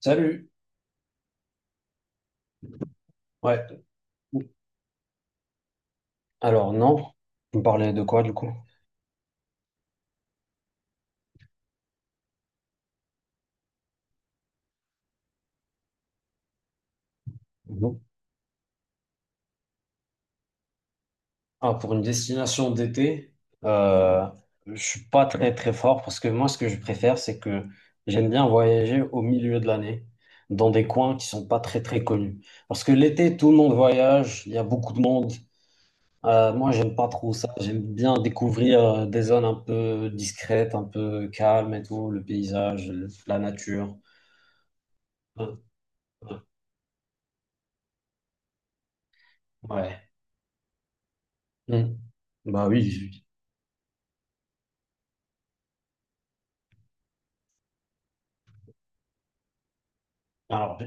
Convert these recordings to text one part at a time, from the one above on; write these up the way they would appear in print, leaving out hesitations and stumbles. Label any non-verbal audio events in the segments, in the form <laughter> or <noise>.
Salut. Ouais. Alors non. Vous me parlez de quoi du coup? Mhm. Ah, pour une destination d'été, euh, je suis pas très très fort parce que moi ce que je préfère c'est que j'aime bien voyager au milieu de l'année dans des coins qui sont pas très très connus. Parce que l'été tout le monde voyage, il y a beaucoup de monde. Moi j'aime pas trop ça. J'aime bien découvrir des zones un peu discrètes, un peu calmes et tout, le paysage, la nature. Ouais. Ouais. Mhm. Bah oui. Alors,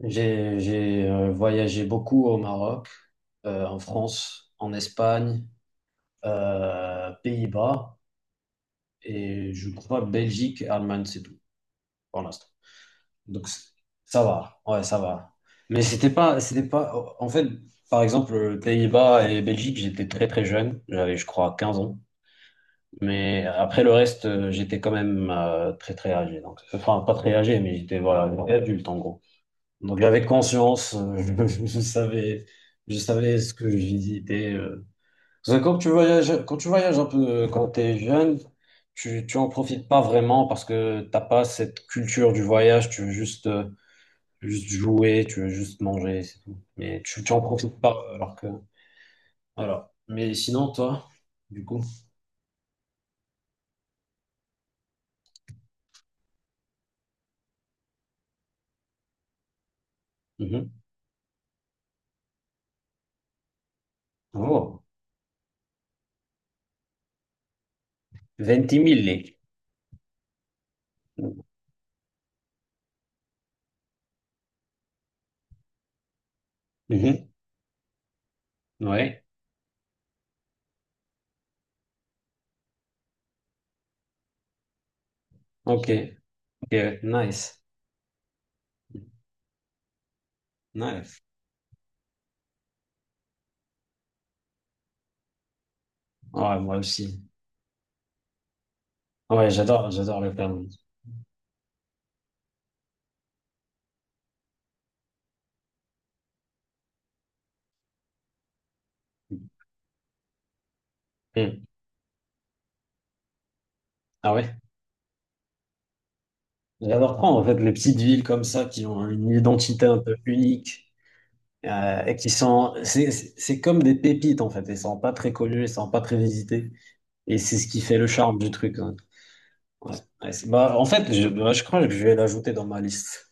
j'ai, voyagé beaucoup au Maroc, en France, en Espagne, Pays-Bas et je crois Belgique, Allemagne, c'est tout pour l'instant. Donc c- ça va, ouais, ça va. Mais c'était pas. En fait, par exemple, Pays-Bas et Belgique, j'étais très très jeune, j'avais je crois 15 ans. Mais après le reste, j'étais quand même très très âgé. Donc, enfin, pas très âgé, mais j'étais voilà, adulte en gros. Donc j'avais conscience, <laughs> je, je savais, je savais ce que je visitais. Parce que quand tu voyages un peu, quand tu es jeune, tu en profites pas vraiment parce que t'as pas cette culture du voyage, tu veux juste, juste jouer, tu veux juste manger, c'est tout. Mais tu en profites pas alors que, voilà. Mais sinon, toi, du coup, mhm. Oh, 20 000. Mhm. Ouais, ok, ok, nice, nice. Ouais, moi aussi. Ouais, j'adore, j'adore le Vermont. Hmm. Ah ouais? J'adore prendre en fait les petites villes comme ça qui ont une identité un peu unique et qui sont, c'est comme des pépites en fait. Elles sont pas très connues, elles sont pas très visitées et c'est ce qui fait le charme du truc, hein. Ouais. Ouais, bah, en fait, bah, je crois que je vais l'ajouter dans ma liste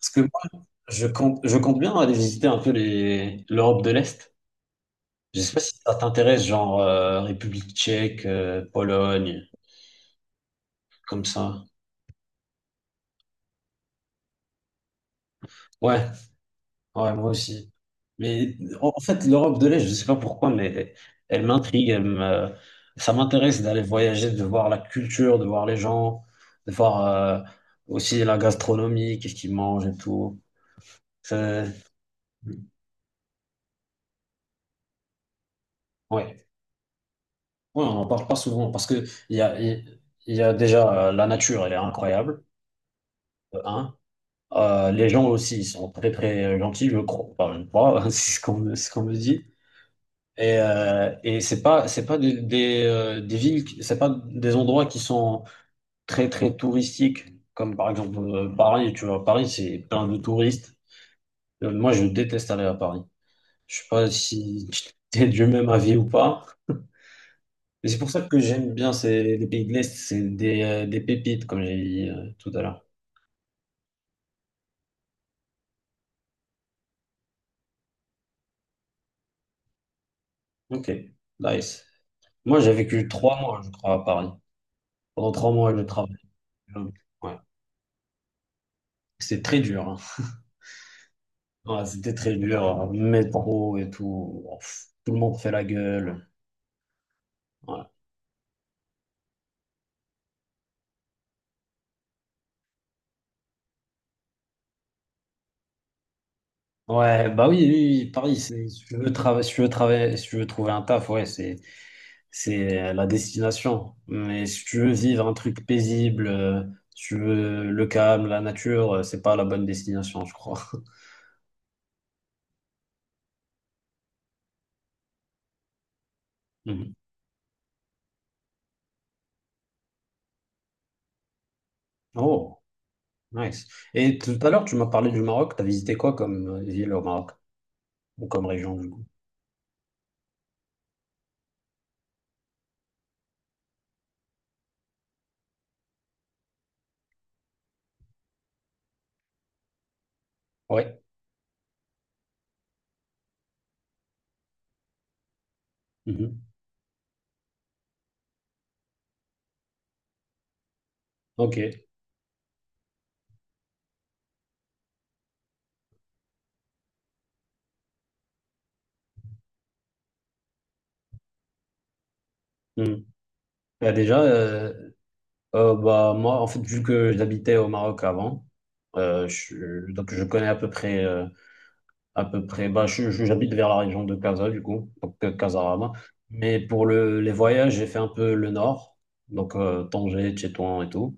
parce que moi, je compte bien aller visiter un peu les l'Europe de l'Est. Je sais pas si ça t'intéresse, genre République tchèque, Pologne, comme ça. Ouais. Ouais, moi aussi. Mais en fait, l'Europe de l'Est, je ne sais pas pourquoi, mais elle m'intrigue, elle me... ça m'intéresse d'aller voyager, de voir la culture, de voir les gens, de voir euh, aussi la gastronomie, qu'est-ce qu'ils mangent et tout. C'est- Ouais. Ouais, on n'en parle pas souvent parce que il y a déjà la nature, elle est incroyable, de un. Les gens aussi, ils sont très très gentils, je crois. Enfin, je crois, <laughs> c'est ce qu'on me dit. Et, c'est pas des villes c'est pas des endroits qui sont très très touristiques, comme par exemple, Paris. Tu vois, Paris c'est plein de touristes. Moi je déteste aller à Paris. Je sais pas si <laughs> t'es du même avis ou pas, mais c'est pour ça que j'aime bien ces les pays de l'Est. C'est des pépites, comme j'ai dit tout à l'heure. Ok, nice. Moi j'ai vécu trois mois je crois à Paris, pendant trois mois je travaille. Ouais, c'est très dur hein. Ouais, c'était très dur, hein. Métro et tout. Oh, pff, tout le monde fait la gueule. Ouais. Ouais, bah oui, oui, oui, Paris, si tu veux travailler, si tu veux travailler, si tu veux trouver un taf, ouais, c'est la destination. Mais si tu veux vivre un truc paisible, si tu veux le calme, la nature, c'est pas la bonne destination, je crois. <laughs> Mhm. Oh, nice. Et tout à l'heure, tu m'as parlé du Maroc. T'as visité quoi comme ville au Maroc? Ou comme région, du coup? Ouais. Mhm. Ok. Mhm. Bah, déjà, bah, moi, en fait, vu que j'habitais au Maroc avant, donc je connais à peu près, bah, j'habite vers la région de Casa, du coup, donc Casarama. Mais pour les voyages, j'ai fait un peu le nord, donc Tanger, Tétouan et tout.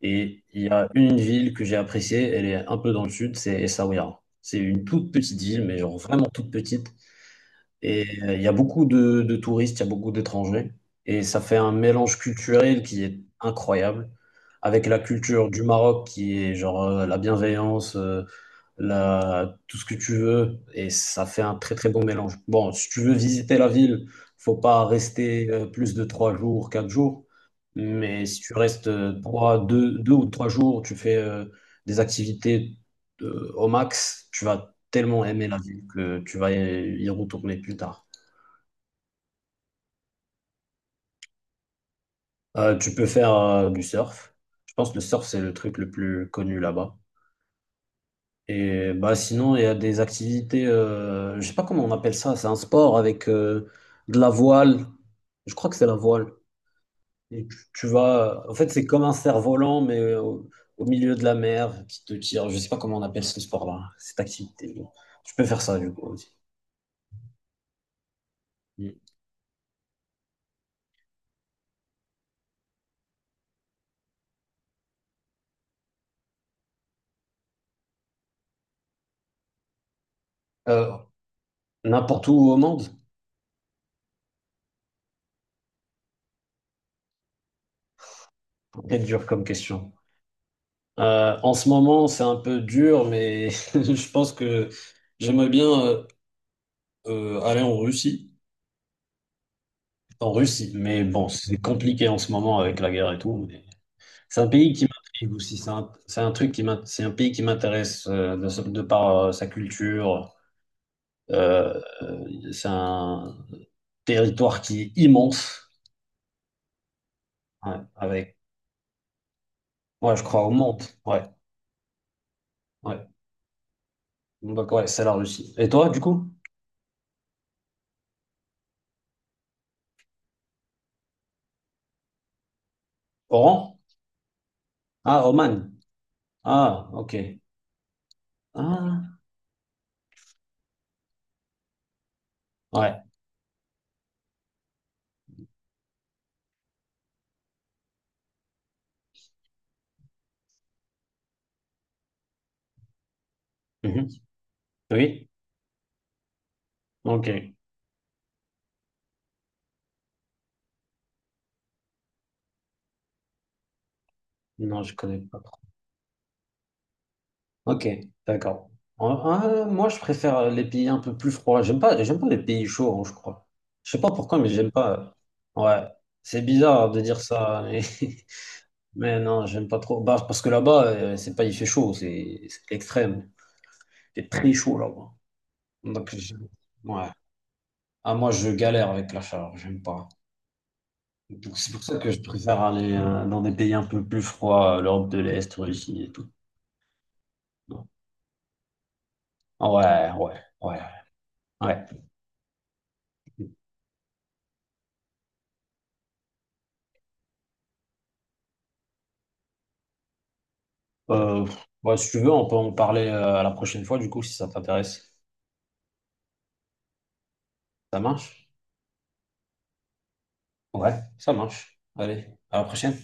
Et il y a une ville que j'ai appréciée, elle est un peu dans le sud, c'est Essaouira. C'est une toute petite ville, mais genre vraiment toute petite. Et il y a beaucoup de touristes, il y a beaucoup d'étrangers. Et ça fait un mélange culturel qui est incroyable. Avec la culture du Maroc qui est genre la bienveillance, tout ce que tu veux, et ça fait un très très bon mélange. Bon, si tu veux visiter la ville, faut pas rester plus de trois jours, quatre jours, mais si tu restes trois, deux ou trois jours, tu fais des activités au max, tu vas tellement aimer la ville que tu vas y retourner plus tard. Tu peux faire du surf. Je pense que le surf, c'est le truc le plus connu là-bas. Et bah sinon, il y a des activités, je sais pas comment on appelle ça, c'est un sport avec de la voile. Je crois que c'est la voile. Et tu vas, en fait, c'est comme un cerf-volant, mais au milieu de la mer qui te tire. Je sais pas comment on appelle ce sport-là, cette activité. Je peux faire ça du coup aussi. Mm. Euh, n'importe où au monde? C'est dur comme question. En ce moment, c'est un peu dur, mais <laughs> je pense que j'aimerais bien aller en Russie. En Russie, mais bon, c'est compliqué en ce moment avec la guerre et tout, mais c'est un pays qui m'intrigue aussi. C'est un truc c'est un pays qui m'intéresse de par sa culture. C'est un territoire qui est immense. Ouais, avec, ouais, je crois au monde. Ouais, ouais. Donc ouais, c'est la Russie. Et toi, du coup? Oran? Ah, Oman. Ah, ok. Ah, ouais. Mhm. Oui. Ok. Non, je connais pas. Ok, d'accord. Euh, moi, je préfère les pays un peu plus froids. J'aime pas les pays chauds, hein, je crois. Je sais pas pourquoi, mais j'aime pas. Ouais, c'est bizarre de dire ça, mais, <laughs> mais non, j'aime pas trop. Bah, parce que là-bas, c'est pas, il fait chaud, c'est l'extrême. Il fait très chaud là-bas. Donc, je- ouais. Ah, moi, je galère avec la chaleur, j'aime pas. Donc, c'est pour ça que je préfère aller dans des pays un peu plus froids, l'Europe de l'Est, Russie et tout. Ouais, ouais, ouais, ouais. Euh, ouais, si tu veux, on peut en parler à la prochaine fois, du coup, si ça t'intéresse. Ça marche? Ouais, ça marche. Allez, à la prochaine.